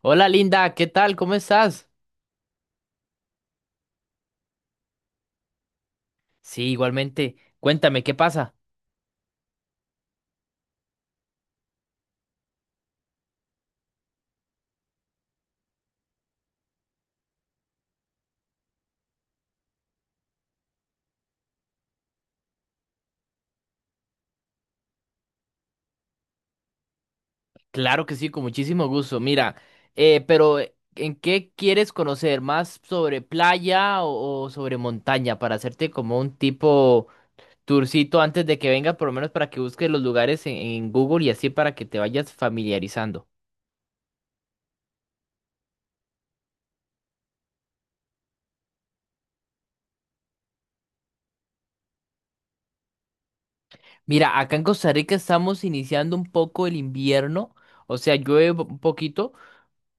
Hola Linda, ¿qué tal? ¿Cómo estás? Sí, igualmente. Cuéntame, ¿qué pasa? Claro que sí, con muchísimo gusto. Mira, pero ¿en qué quieres conocer? ¿Más sobre playa o sobre montaña? Para hacerte como un tipo tourcito antes de que venga, por lo menos para que busques los lugares en Google y así para que te vayas familiarizando. Mira, acá en Costa Rica estamos iniciando un poco el invierno, o sea, llueve un poquito.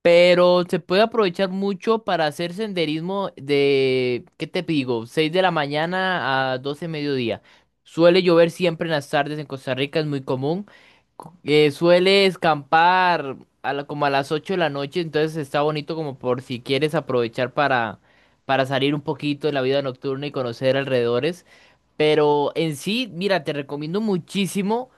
Pero se puede aprovechar mucho para hacer senderismo de, ¿qué te digo? 6 de la mañana a 12 de mediodía. Suele llover siempre en las tardes en Costa Rica, es muy común. Suele escampar como a las 8 de la noche, entonces está bonito como por si quieres aprovechar para salir un poquito de la vida nocturna y conocer alrededores. Pero en sí, mira, te recomiendo muchísimo.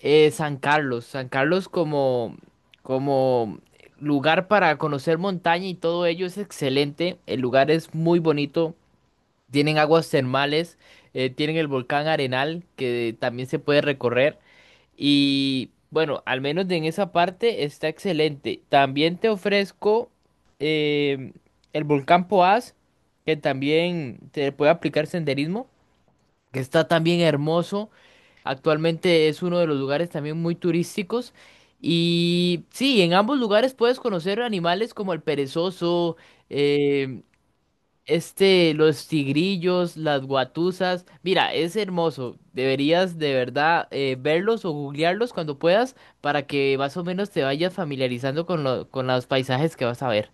San Carlos, como lugar para conocer montaña y todo ello es excelente. El lugar es muy bonito, tienen aguas termales, tienen el volcán Arenal que también se puede recorrer y bueno, al menos en esa parte está excelente. También te ofrezco eh, el volcán Poás que también te puede aplicar senderismo que está también hermoso. Actualmente es uno de los lugares también muy turísticos. Y sí, en ambos lugares puedes conocer animales como el perezoso, eh, los tigrillos, las guatusas. Mira, es hermoso. Deberías de verdad verlos o googlearlos cuando puedas para que más o menos te vayas familiarizando con los paisajes que vas a ver.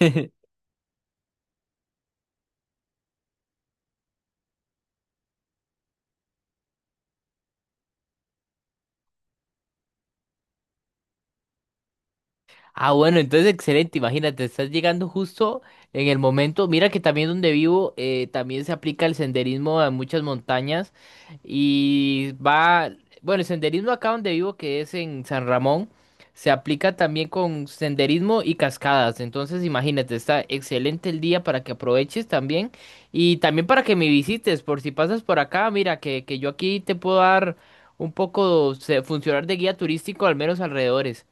Ah, bueno, entonces excelente, imagínate, estás llegando justo en el momento. Mira que también donde vivo también se aplica el senderismo a muchas montañas y va, bueno, el senderismo acá donde vivo que es en San Ramón, se aplica también con senderismo y cascadas. Entonces, imagínate, está excelente el día para que aproveches también y también para que me visites por si pasas por acá, mira que yo aquí te puedo dar un poco, funcionar de guía turístico al menos alrededores.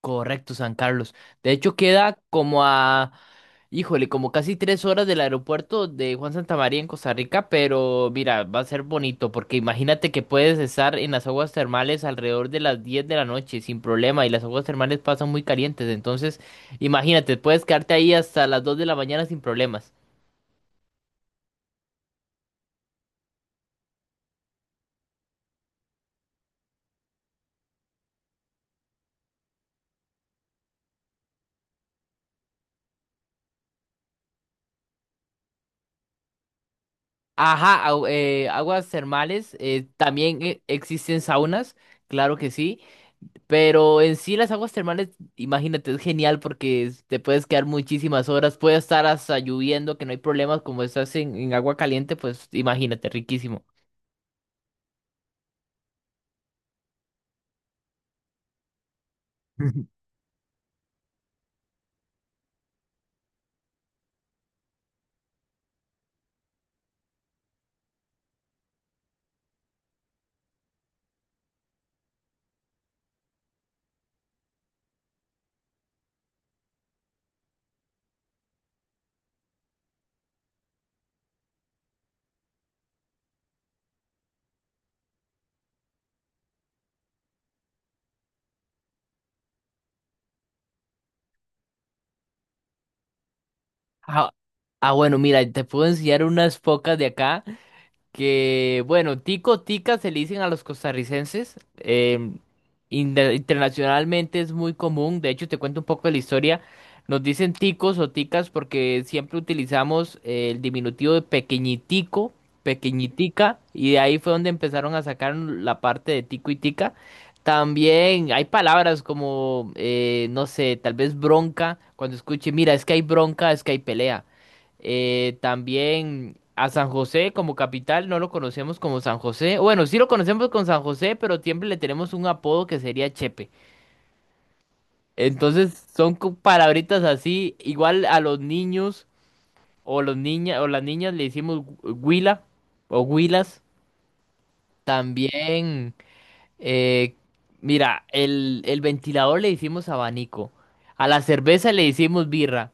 Correcto, San Carlos. De hecho, queda como a, híjole, como casi 3 horas del aeropuerto de Juan Santamaría en Costa Rica, pero mira, va a ser bonito, porque imagínate que puedes estar en las aguas termales alrededor de las 10 de la noche sin problema, y las aguas termales pasan muy calientes, entonces imagínate, puedes quedarte ahí hasta las 2 de la mañana sin problemas. Aguas termales, también existen saunas, claro que sí, pero en sí las aguas termales, imagínate, es genial porque te puedes quedar muchísimas horas, puede estar hasta lloviendo, que no hay problemas, como estás en agua caliente, pues imagínate, riquísimo. Ah, bueno, mira, te puedo enseñar unas pocas de acá. Que, bueno, tico, tica se le dicen a los costarricenses. Internacionalmente es muy común. De hecho, te cuento un poco de la historia. Nos dicen ticos o ticas porque siempre utilizamos el diminutivo de pequeñitico, pequeñitica, y de ahí fue donde empezaron a sacar la parte de tico y tica. También hay palabras como, no sé, tal vez bronca, cuando escuche, mira, es que hay bronca, es que hay pelea. También a San José como capital no lo conocemos como San José. Bueno, sí lo conocemos con San José, pero siempre le tenemos un apodo que sería Chepe. Entonces son palabritas así. Igual a los niños o los niñas o las niñas le decimos huila o huilas. También. Eh, Mira, el ventilador le hicimos abanico, a la cerveza le hicimos birra,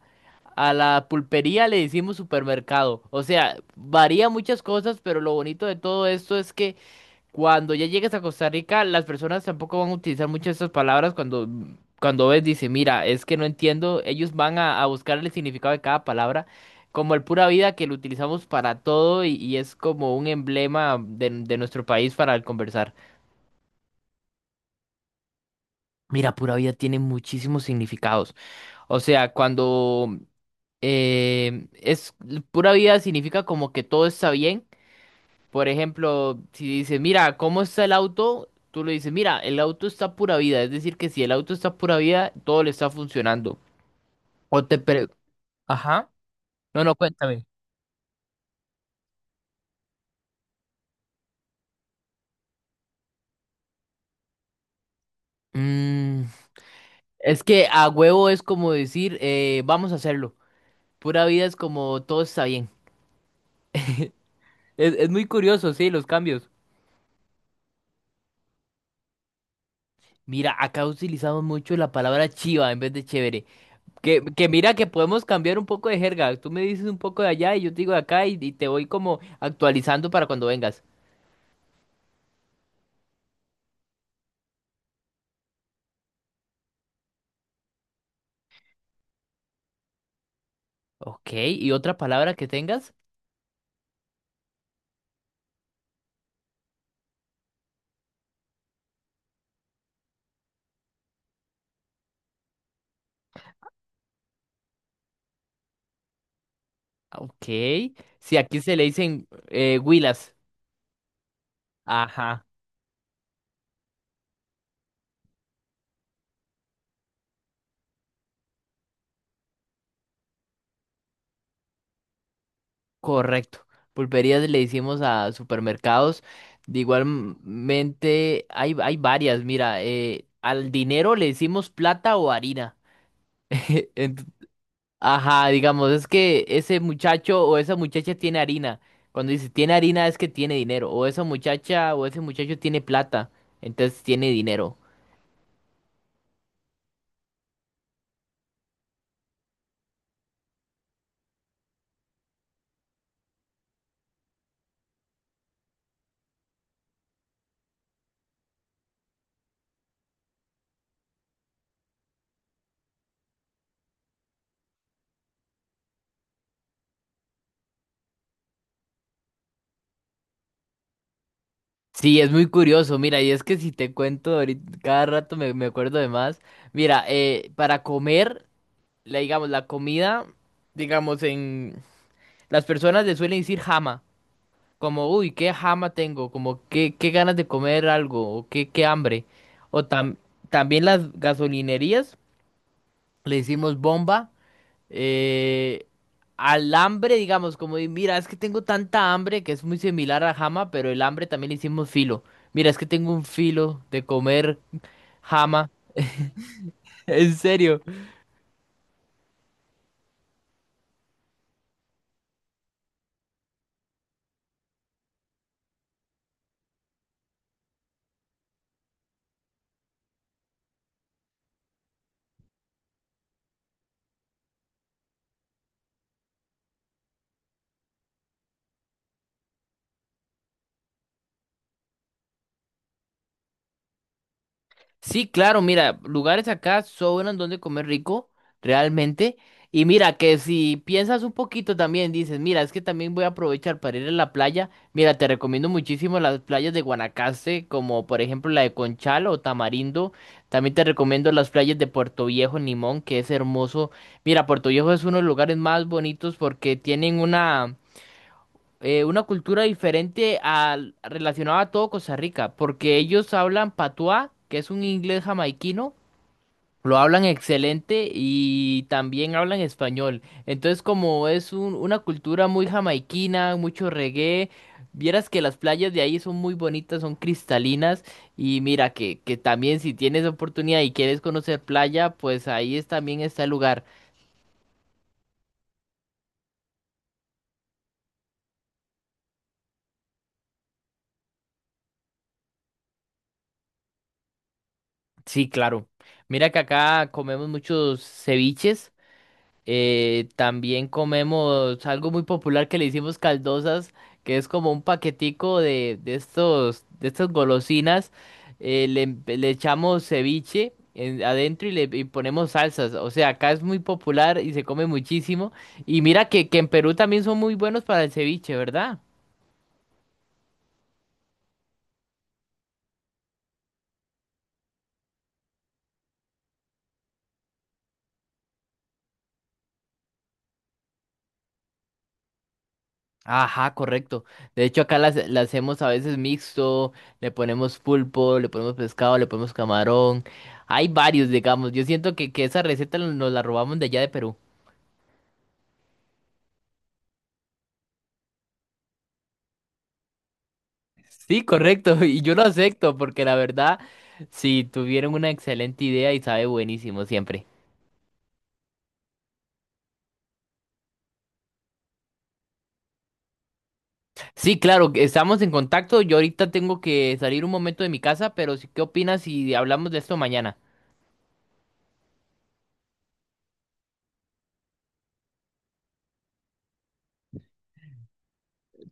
a la pulpería le hicimos supermercado. O sea, varía muchas cosas, pero lo bonito de todo esto es que cuando ya llegues a Costa Rica, las personas tampoco van a utilizar muchas estas palabras cuando ves, dice, mira, es que no entiendo, ellos van a buscar el significado de cada palabra. Como el pura vida que lo utilizamos para todo y es como un emblema de nuestro país para el conversar. Mira, pura vida tiene muchísimos significados. O sea, cuando es pura vida significa como que todo está bien. Por ejemplo, si dices, mira, ¿cómo está el auto? Tú le dices, mira, el auto está pura vida. Es decir, que si el auto está pura vida, todo le está funcionando. O te pre- Ajá. No, no, cuéntame. Mm, es que a huevo es como decir, vamos a hacerlo. Pura vida es como todo está bien. Es muy curioso, sí, los cambios. Mira, acá utilizamos mucho la palabra chiva en vez de chévere. Que mira que podemos cambiar un poco de jerga. Tú me dices un poco de allá y yo te digo de acá y te voy como actualizando para cuando vengas. Ok, ¿y otra palabra que tengas? Ok. Si aquí se le dicen huilas. Ajá, correcto. Pulperías le decimos a supermercados. De igualmente hay varias. Mira, al dinero le decimos plata o harina. En- Ajá, digamos, es que ese muchacho o esa muchacha tiene harina. Cuando dice tiene harina es que tiene dinero. O esa muchacha o ese muchacho tiene plata. Entonces tiene dinero. Sí, es muy curioso. Mira, y es que si te cuento ahorita, cada rato me acuerdo de más. Mira, para comer, la, digamos, la comida, digamos, en... Las personas le suelen decir jama. Como, uy, qué jama tengo. Como, qué ganas de comer algo. O qué hambre. O también las gasolinerías le hicimos bomba, eh, al hambre, digamos, como de, mira, es que tengo tanta hambre que es muy similar a jama, pero el hambre también le hicimos filo. Mira, es que tengo un filo de comer jama, en serio. Sí, claro, mira, lugares acá sobran donde comer rico, realmente. Y mira, que si piensas un poquito también, dices, mira, es que también voy a aprovechar para ir a la playa. Mira, te recomiendo muchísimo las playas de Guanacaste, como por ejemplo la de Conchal o Tamarindo. También te recomiendo las playas de Puerto Viejo, Nimón, que es hermoso. Mira, Puerto Viejo es uno de los lugares más bonitos porque tienen una cultura diferente al relacionada a todo Costa Rica, porque ellos hablan patuá, que es un inglés jamaiquino, lo hablan excelente y también hablan español. Entonces, como es una cultura muy jamaiquina, mucho reggae, vieras que las playas de ahí son muy bonitas, son cristalinas y mira que también si tienes oportunidad y quieres conocer playa, pues ahí es, también está el lugar. Sí, claro. Mira que acá comemos muchos ceviches. También comemos algo muy popular que le hicimos caldosas, que es como un paquetico de estos, de estas golosinas. Le echamos ceviche adentro y le y ponemos salsas. O sea, acá es muy popular y se come muchísimo. Y mira que en Perú también son muy buenos para el ceviche, ¿verdad? Ajá, correcto. De hecho, acá las hacemos a veces mixto, le ponemos pulpo, le ponemos pescado, le ponemos camarón. Hay varios, digamos. Yo siento que esa receta nos la robamos de allá de Perú. Sí, correcto. Y yo lo acepto porque la verdad, sí, tuvieron una excelente idea y sabe buenísimo siempre. Sí, claro, que estamos en contacto. Yo ahorita tengo que salir un momento de mi casa, pero sí, ¿qué opinas si hablamos de esto mañana?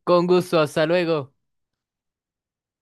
Con gusto, hasta luego.